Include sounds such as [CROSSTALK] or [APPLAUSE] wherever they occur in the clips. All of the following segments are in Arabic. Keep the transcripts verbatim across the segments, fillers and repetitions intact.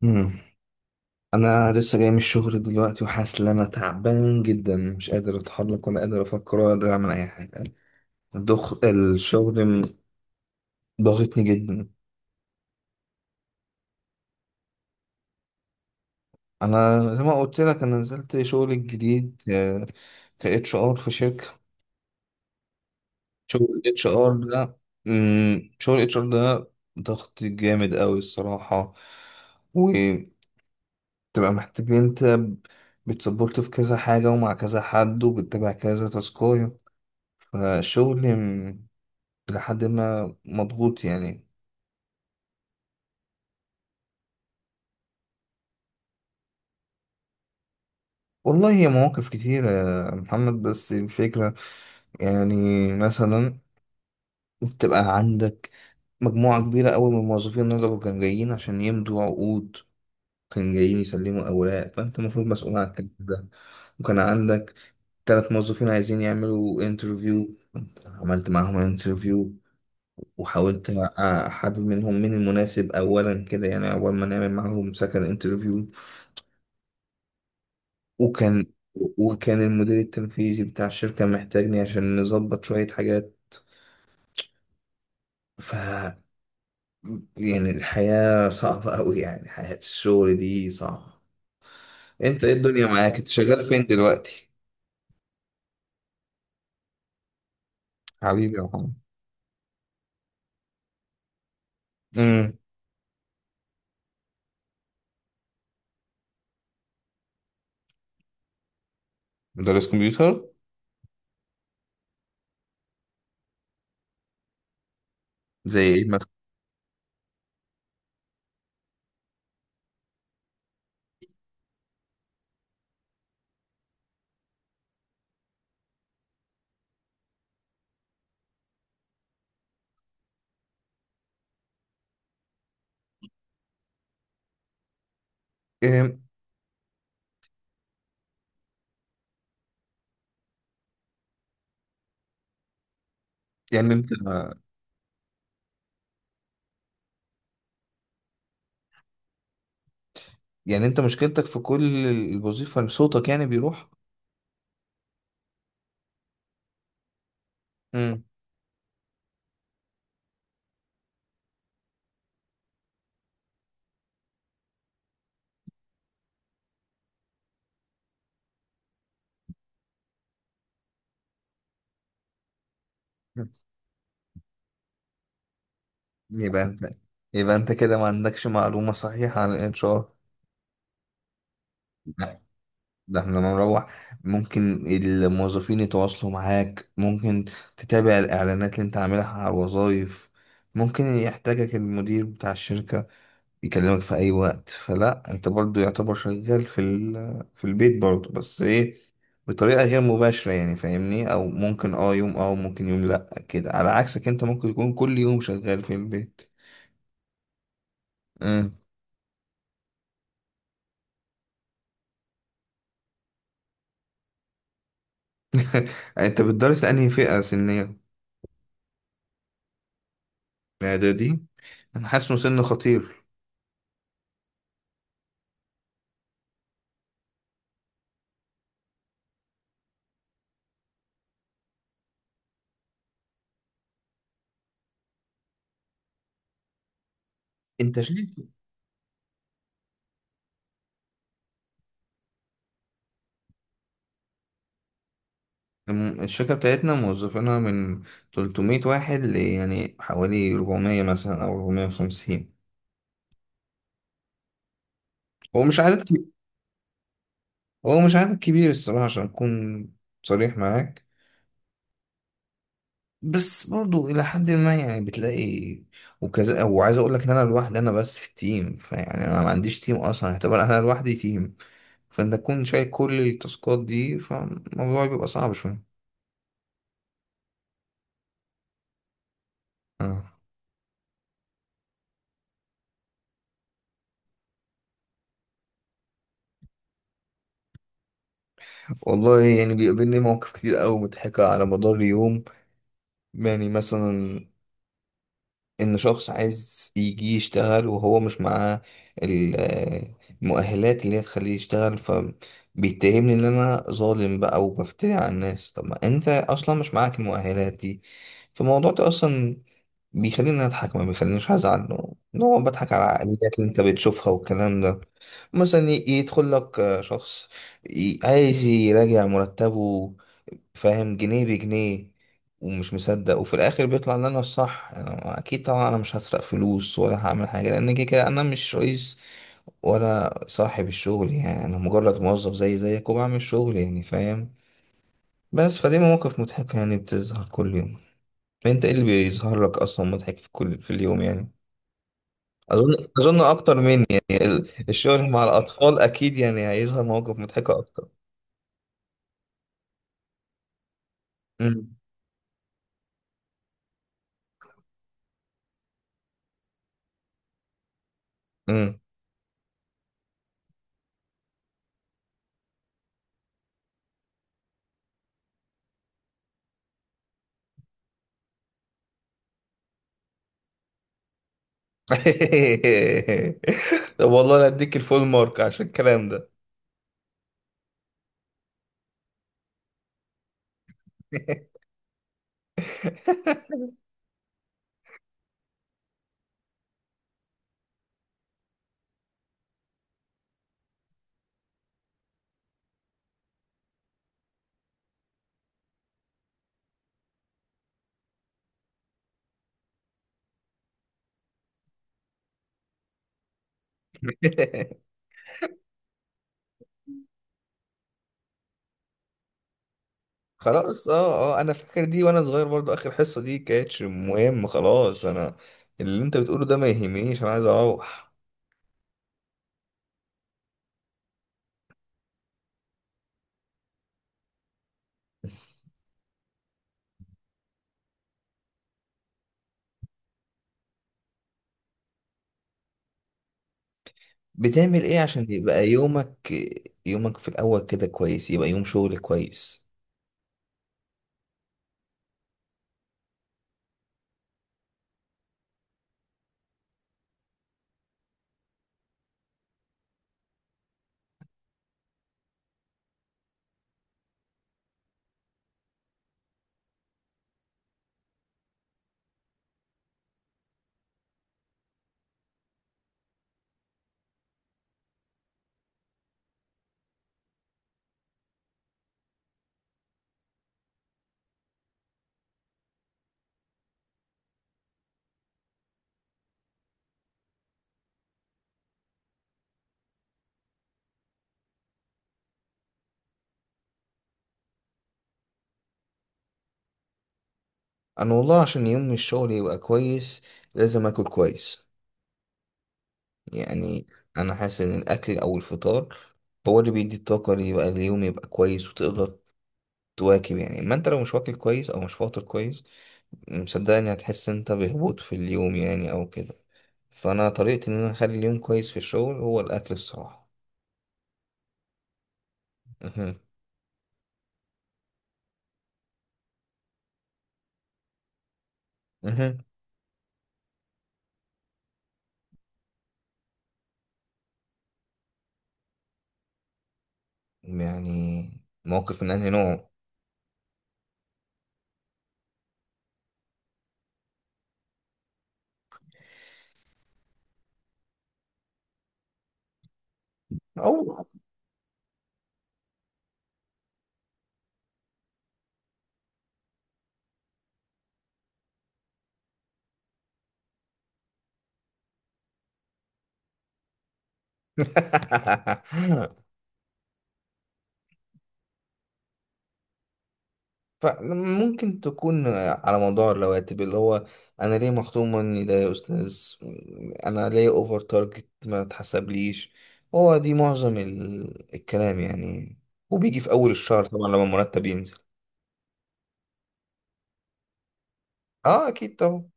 مم. انا لسه جاي من الشغل دلوقتي وحاسس ان انا تعبان جدا، مش قادر اتحرك ولا قادر افكر ولا قادر اعمل اي حاجه. الدخ الشغل م- ضاغطني جدا. انا زي ما قلت لك انا نزلت شغل جديد، ك اتش ار في شركه. شغل اتش ار ده مم، شغل اتش ار ده ضغط جامد قوي الصراحه. وتبقى محتاج إن انت بتسبورت في كذا حاجه ومع كذا حد وبتتابع كذا تاسكايه، فالشغل لحد ما مضغوط يعني. والله هي مواقف كتيرة يا محمد، بس الفكرة يعني مثلا بتبقى عندك مجموعة كبيرة أوي من الموظفين. النهاردة كانوا جايين عشان يمضوا عقود، كانوا جايين يسلموا أوراق، فأنت المفروض مسؤول عن الكلام ده. وكان عندك تلات موظفين عايزين يعملوا انترفيو، عملت معاهم انترفيو وحاولت أحدد منهم مين المناسب أولا، كده يعني أول ما نعمل معاهم سكن انترفيو. وكان وكان المدير التنفيذي بتاع الشركة محتاجني عشان نظبط شوية حاجات. ف يعني الحياة صعبة أوي، يعني حياة الشغل دي صعبة. أنت إيه الدنيا معاك؟ أنت شغال فين دلوقتي؟ حبيبي يا محمد. امم. مدرس كمبيوتر. زي ايه مثلا. إيه، يعني انت، يعني انت مشكلتك في كل الوظيفة ان صوتك يعني بيروح. امم. يبقى انت يبقى انت كده ما عندكش معلومة صحيحة عن الانشار. ده احنا لما نروح ممكن الموظفين يتواصلوا معاك، ممكن تتابع الإعلانات اللي انت عاملها على الوظائف، ممكن يحتاجك المدير بتاع الشركة يكلمك في أي وقت، فلا انت برضو يعتبر شغال في ال... في البيت برضو، بس ايه، بطريقة غير مباشرة يعني فاهمني. أو ممكن اه يوم اه ممكن يوم لأ، كده على عكسك انت ممكن يكون كل يوم شغال في البيت. مم. [LAUGHS] انت بتدرس لأنهي فئة سنية؟ إعدادي؟ أنا حاسه سن خطير. انت شايف، الم- الشركة بتاعتنا موظفينها من تلتمية واحد ل يعني حوالي اربعمية مثلا أو اربعمية وخمسين. هو مش عدد كبير، هو مش عدد كبير الصراحة عشان أكون صريح معاك. بس برضو إلى حد ما يعني بتلاقي وكذا. وعايز أقول لك إن أنا لوحدي، أنا بس في التيم، فيعني أنا ما عنديش تيم أصلا، اعتبر أنا لوحدي تيم. فأنت تكون شايل كل التاسكات دي، فالموضوع بيبقى صعب شوية. آه. والله يعني بيقابلني مواقف كتير أوي مضحكة على مدار اليوم. يعني مثلا ان شخص عايز يجي يشتغل وهو مش معاه ال- آه، المؤهلات اللي هي تخليه يشتغل، فبيتهمني ان انا ظالم بقى وبفتري على الناس، طب ما انت اصلا مش معاك المؤهلات دي. فالموضوع ده اصلا بيخليني اضحك، ما بيخلينيش ازعل، ان هو بضحك على العقليات اللي انت بتشوفها والكلام ده. مثلا ي- يدخل لك آه، شخص ي- عايز يراجع مرتبه، فاهم جنيه بجنيه ومش مصدق، وفي الاخر بيطلع ان انا الصح. انا اكيد طبعا انا مش هسرق فلوس ولا هعمل حاجه، لان كده كده انا مش رئيس ولا صاحب الشغل، يعني انا مجرد موظف زي زيك وبعمل شغل يعني، فاهم. بس فدي مواقف مضحكه يعني بتظهر كل يوم. انت ايه اللي بيظهر لك اصلا مضحك في كل في اليوم يعني؟ اظن اظن اكتر مني، يعني ال- الشغل مع الاطفال اكيد يعني هيظهر مواقف مضحكه اكتر. امم. [LAUGHS] طب والله انا اديك الفول مارك عشان الكلام ده. [LAUGHS] خلاص، اه اه انا فاكر دي وانا صغير، برضو اخر حصة دي كانتش مهم، خلاص انا اللي انت بتقوله ده ما يهمنيش، انا عايز اروح. بتعمل ايه عشان يبقى يومك، يومك في الاول كده كويس، يبقى يوم شغل كويس؟ انا والله عشان يوم الشغل يبقى كويس لازم اكل كويس يعني. انا حاسس ان الاكل او الفطار هو اللي بيدي الطاقه اللي يبقى اليوم يبقى كويس وتقدر تواكب يعني. ما انت لو مش واكل كويس او مش فاطر كويس، مصدقني هتحس انت بهبوط في اليوم يعني او كده. فانا طريقتي ان انا اخلي اليوم كويس في الشغل هو الاكل الصراحه. مهم. مهم. يعني موقف من انهي نوع؟ او [LAUGHS] فممكن تكون على موضوع الرواتب اللي هو انا ليه مخصوم مني ده يا استاذ، انا ليه اوفر تارجت ما تحسبليش، هو دي معظم ال- الكلام يعني. وبيجي في اول الشهر طبعا لما المرتب ينزل. اه اكيد طبعا.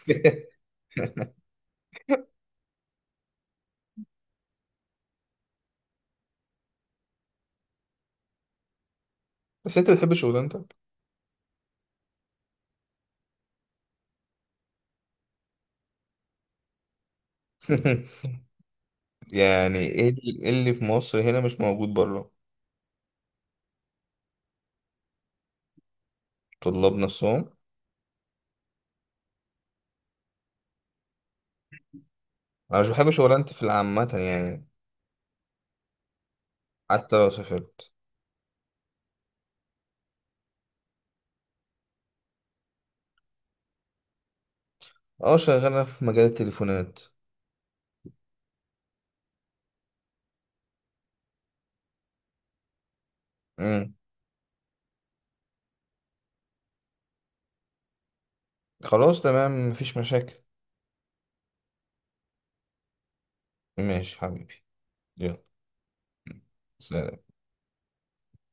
[LAUGHS] بس انت بتحب شغلانتك؟ [LAUGHS] يعني ايه ال- إيه اللي في مصر هنا مش موجود بره؟ طلاب نفسهم. انا مش بحب شغلانتي في العامة يعني. حتى لو سافرت. اه شغالة في مجال التليفونات. خلاص تمام، مفيش مشاكل. ماشي حبيبي، يلا، سلام.